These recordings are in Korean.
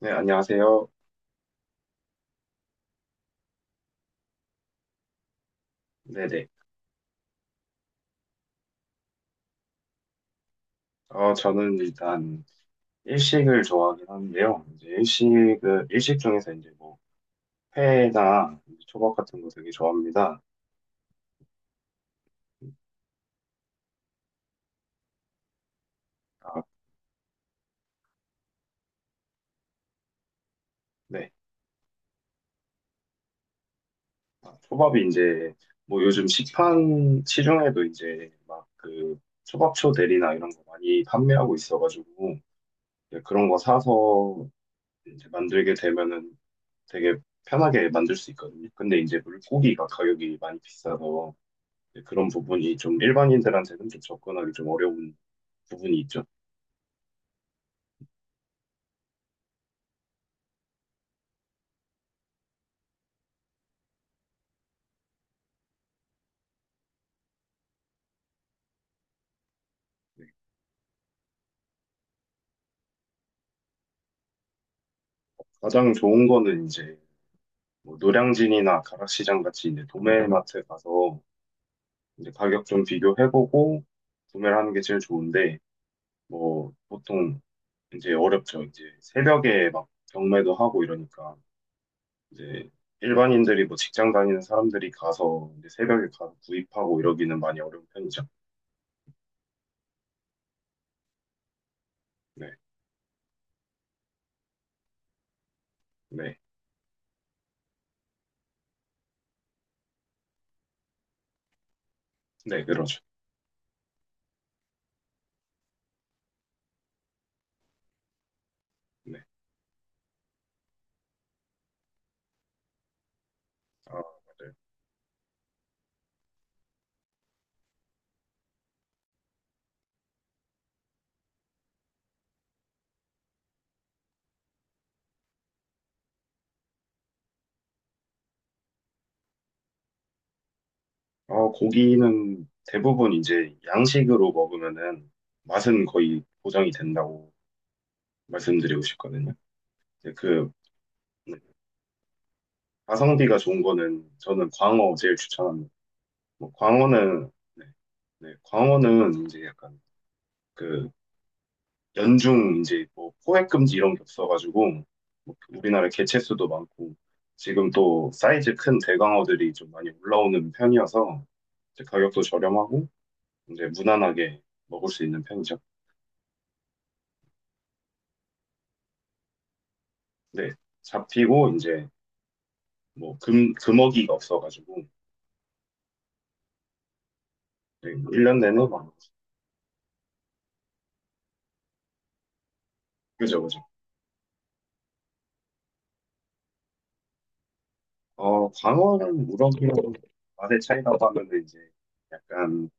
네, 안녕하세요. 네네. 저는 일단 일식을 좋아하긴 하는데요. 이제 일식 중에서 이제 뭐, 회나 이제 초밥 같은 거 되게 좋아합니다. 아, 네. 아, 초밥이 이제, 뭐 요즘 시판, 시중에도 이제 막 그 초밥초 대리나 이런 거 많이 판매하고 있어가지고, 이제 그런 거 사서 이제 만들게 되면은 되게 편하게 만들 수 있거든요. 근데 이제 물고기가 가격이 많이 비싸서, 네, 그런 부분이 좀 일반인들한테는 좀 접근하기 좀 어려운 부분이 있죠. 네, 가장 좋은 거는 이제 뭐 노량진이나 가락시장 같이 이제 도매마트 가서 이제 가격 좀 비교해보고 구매를 하는 게 제일 좋은데 뭐 보통 이제 어렵죠. 이제 새벽에 막 경매도 하고 이러니까 이제 일반인들이 뭐 직장 다니는 사람들이 가서 이제 새벽에 가서 구입하고 이러기는 많이 어려운 편이죠. 네, 네, 네, 그러죠. 네, 아, 맞아요. 고기는 대부분 이제 양식으로 먹으면은 맛은 거의 보장이 된다고 말씀드리고 싶거든요. 이제 그 네, 가성비가 좋은 거는 저는 광어 제일 추천합니다. 뭐 광어는 네, 네, 광어는 이제 약간 그 연중 이제 뭐 포획 금지 이런 게 없어가지고 뭐 우리나라 개체수도 많고 지금 또 사이즈 큰 대광어들이 좀 많이 올라오는 편이어서 이제 가격도 저렴하고 이제 무난하게 먹을 수 있는 편이죠. 네, 잡히고 이제 뭐 금, 금어기가 없어가지고 네, 1년 내내 막 그죠, 그죠. 광어는 우럭이랑 맛의 차이라고 하면은 이제 약간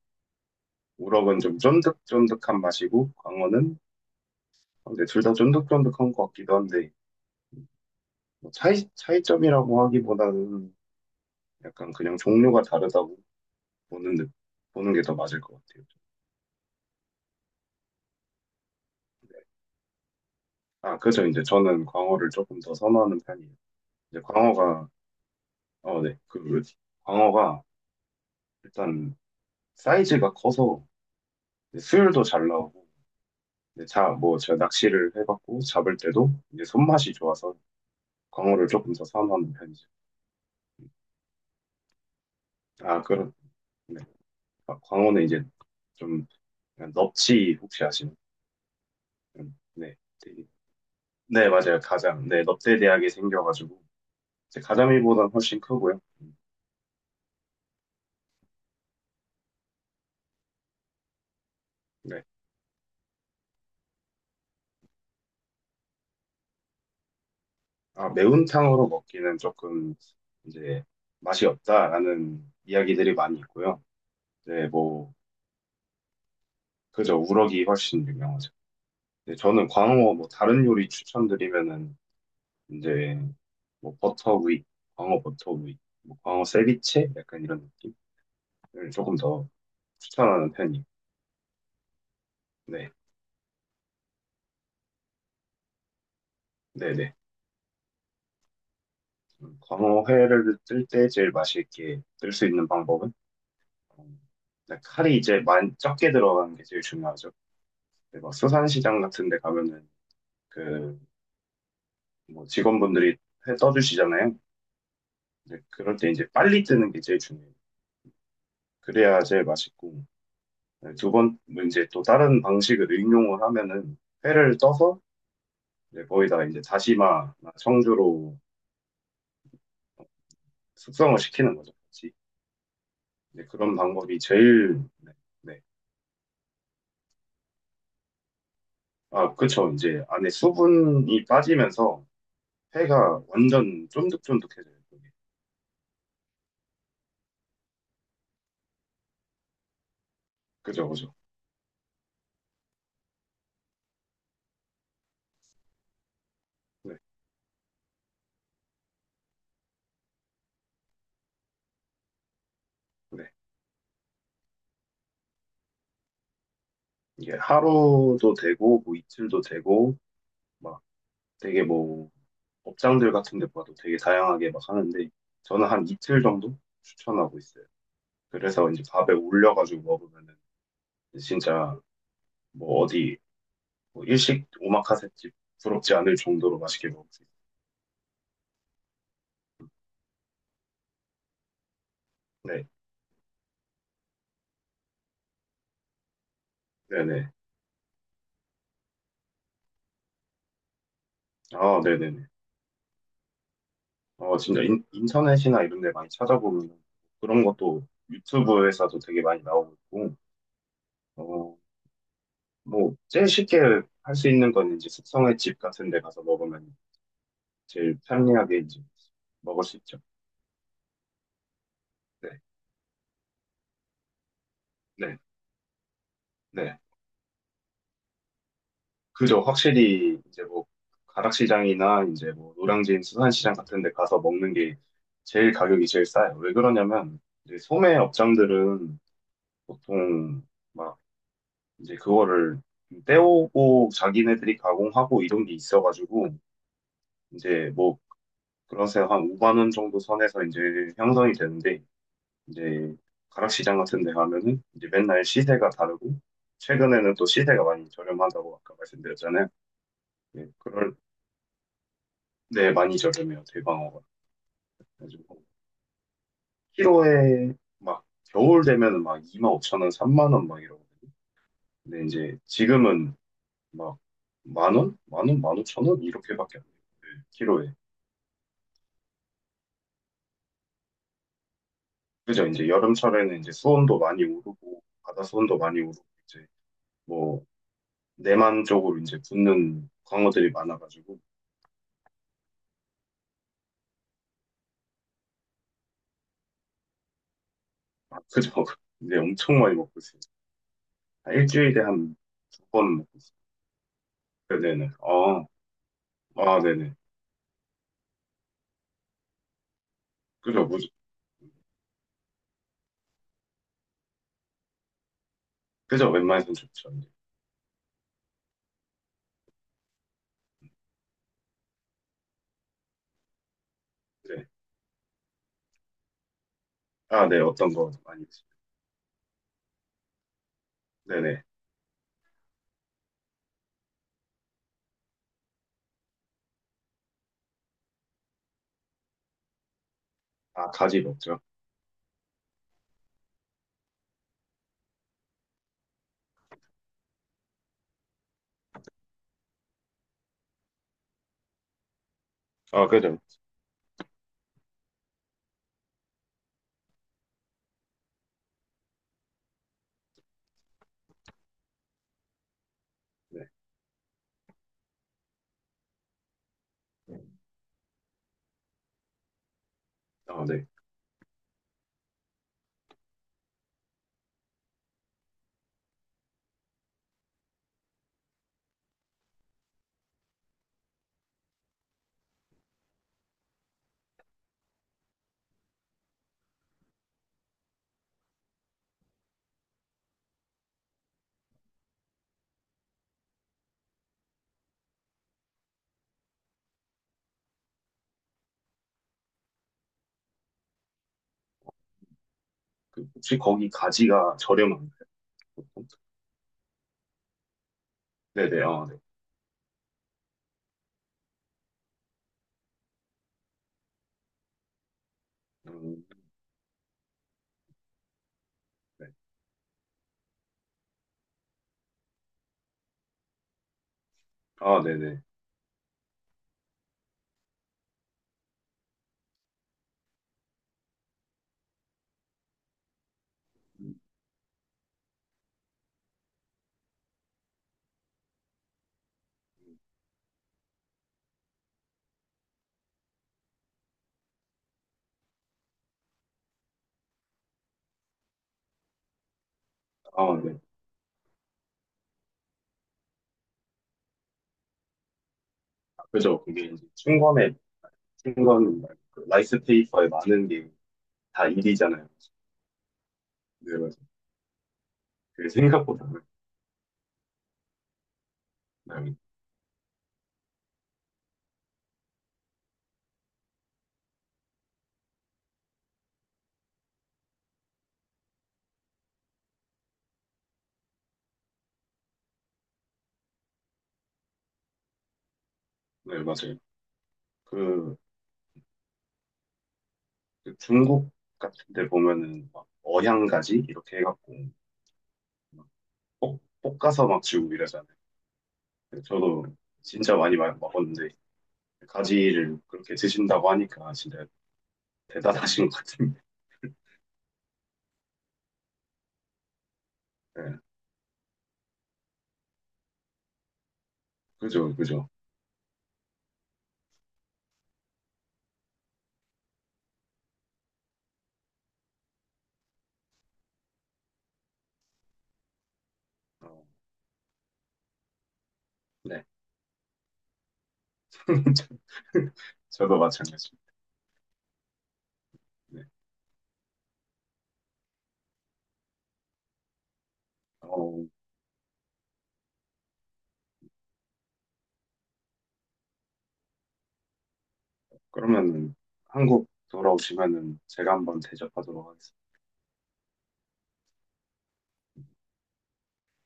우럭은 좀 쫀득쫀득한 맛이고 광어는 근데 둘 다 쫀득쫀득한 것 같기도 한데 뭐 차이 차이점이라고 하기보다는 약간 그냥 종류가 다르다고 보는 느- 보는 게 더 맞을 것 같아요. 네. 아, 그죠. 이제 저는 광어를 조금 더 선호하는 편이에요. 이제 광어가 네. 그 광어가 일단 사이즈가 커서 이제 수율도 잘 나오고 이제 자, 뭐 제가 낚시를 해봤고 잡을 때도 이제 손맛이 좋아서 광어를 조금 더 선호하는 편이죠. 아, 그럼 네. 아, 광어는 이제 좀 그냥 넙치 혹시 아시나요? 네, 네 맞아요. 가장 네 넙대대하게 생겨가지고 이제 가자미보다는 훨씬 크고요. 네, 아 매운탕으로 먹기는 조금 이제 맛이 없다라는 이야기들이 많이 있고요. 네, 뭐 그저 우럭이 훨씬 유명하죠. 이제 저는 광어 뭐 다른 요리 추천드리면은 이제 뭐 버터구이, 광어 버터구이, 뭐 광어 세비체 약간 이런 느낌을 조금 더 추천하는 편이에요. 네, 네, 네. 광어 회를 뜰 때 제일 맛있게 뜰 수 있는 방법은 음, 일단 칼이 이제 만 적게 들어가는 게 제일 중요하죠. 근데 막 수산시장 같은 데 가면은 그 뭐 직원분들이 회 떠주시잖아요. 근데 그럴 때 이제 빨리 뜨는 게 제일 중요해요. 그래야 제일 맛있고. 네, 두 번, 뭐 이제 또 다른 방식을 응용을 하면은 회를 떠서 이제 거기다가 이제 다시마나 청주로 숙성을 시키는 거죠. 같이. 이제 그런 방법이 제일, 네. 네. 아, 그쵸. 이제 안에 수분이 빠지면서 회가 완전 쫀득쫀득해져요. 그게. 그죠, 그죠. 네, 네. 이게 하루도 되고, 뭐 이틀도 되고, 막 되게 뭐 업장들 같은 데 봐도 되게 다양하게 막 하는데, 저는 한 이틀 정도 추천하고 있어요. 그래서 이제 밥에 올려가지고 먹으면은 진짜 뭐 어디 뭐 일식 오마카세집 부럽지 않을 정도로 맛있게 먹을 수 있어요. 네, 네네. 아, 네네네. 진짜 인, 인터넷이나 이런 데 많이 찾아보면 그런 것도 유튜브에서도 되게 많이 나오고 있고, 어, 뭐 제일 쉽게 할 수 있는 건 이제 숙성의 집 같은 데 가서 먹으면 제일 편리하게 이제 먹을 수 있죠. 네, 네, 네. 그죠. 확실히 이제 뭐 가락시장이나 이제 뭐 노량진 수산시장 같은 데 가서 먹는 게 제일 가격이 제일 싸요. 왜 그러냐면 이제 소매 업장들은 보통 막 이제 그거를 떼오고 자기네들이 가공하고 이런 게 있어가지고 이제 뭐 그래서 한 5만 원 정도 선에서 이제 형성이 되는데 이제 가락시장 같은 데 가면은 이제 맨날 시세가 다르고 최근에는 또 시세가 많이 저렴하다고 아까 말씀드렸잖아요. 예, 그럴 네, 많이 저렴해요, 대방어가. 그래가지고, 키로에 막, 겨울 되면은 막 25,000원, 3만 원 막 이러거든요. 근데 이제 지금은 막, 10,000원? 10,000원, 15,000원? 이렇게밖에 안 돼요. 네, 키로에. 그죠? 이제 여름철에는 이제 수온도 많이 오르고, 바다 수온도 많이 오르고, 이제 뭐, 내만 쪽으로 이제 붙는 광어들이 많아가지고, 아, 그죠? 이제 엄청 많이 먹고 있어요. 아, 일주일에 한 두 번은 먹고 있어요. 그, 네네. 아, 아, 네네. 그죠? 그죠? 웬만해선 좋죠. 네. 아, 네. 어떤 거 많이 드시죠? 네네. 아, 가지 먹죠? 아, 그죠. 네. 아, 네. 그 혹시 거기 가지가 저렴한가요? 보통? 네네. 아, 네. 음, 네. 아, 네네. 아, 네. 아, 그죠. 그게 이제 충권에, 충권, 말고 그 라이스 페이퍼에 많은 게 다 일이잖아요. 네, 맞아요. 그게 생각보다. 네, 네, 맞아요. 그, 그 중국 같은 데 보면은 막 어향가지? 이렇게 해갖고 막 볶아서 막 주고 이러잖아요. 근데 저도 진짜 많이 먹었는데 가지를 그렇게 드신다고 하니까 진짜 대단하신 것 같은데. 네. 그죠, 그죠. 어, 네. 저도 마찬가지입니다. 네. 어, 그러면 한국 돌아오시면은 제가 한번 대접하도록 하겠습니다.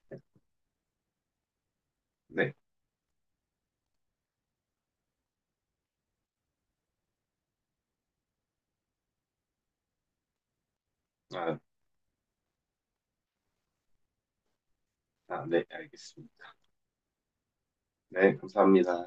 네. 네. 아, 아, 네, 알겠습니다. 네, 감사합니다.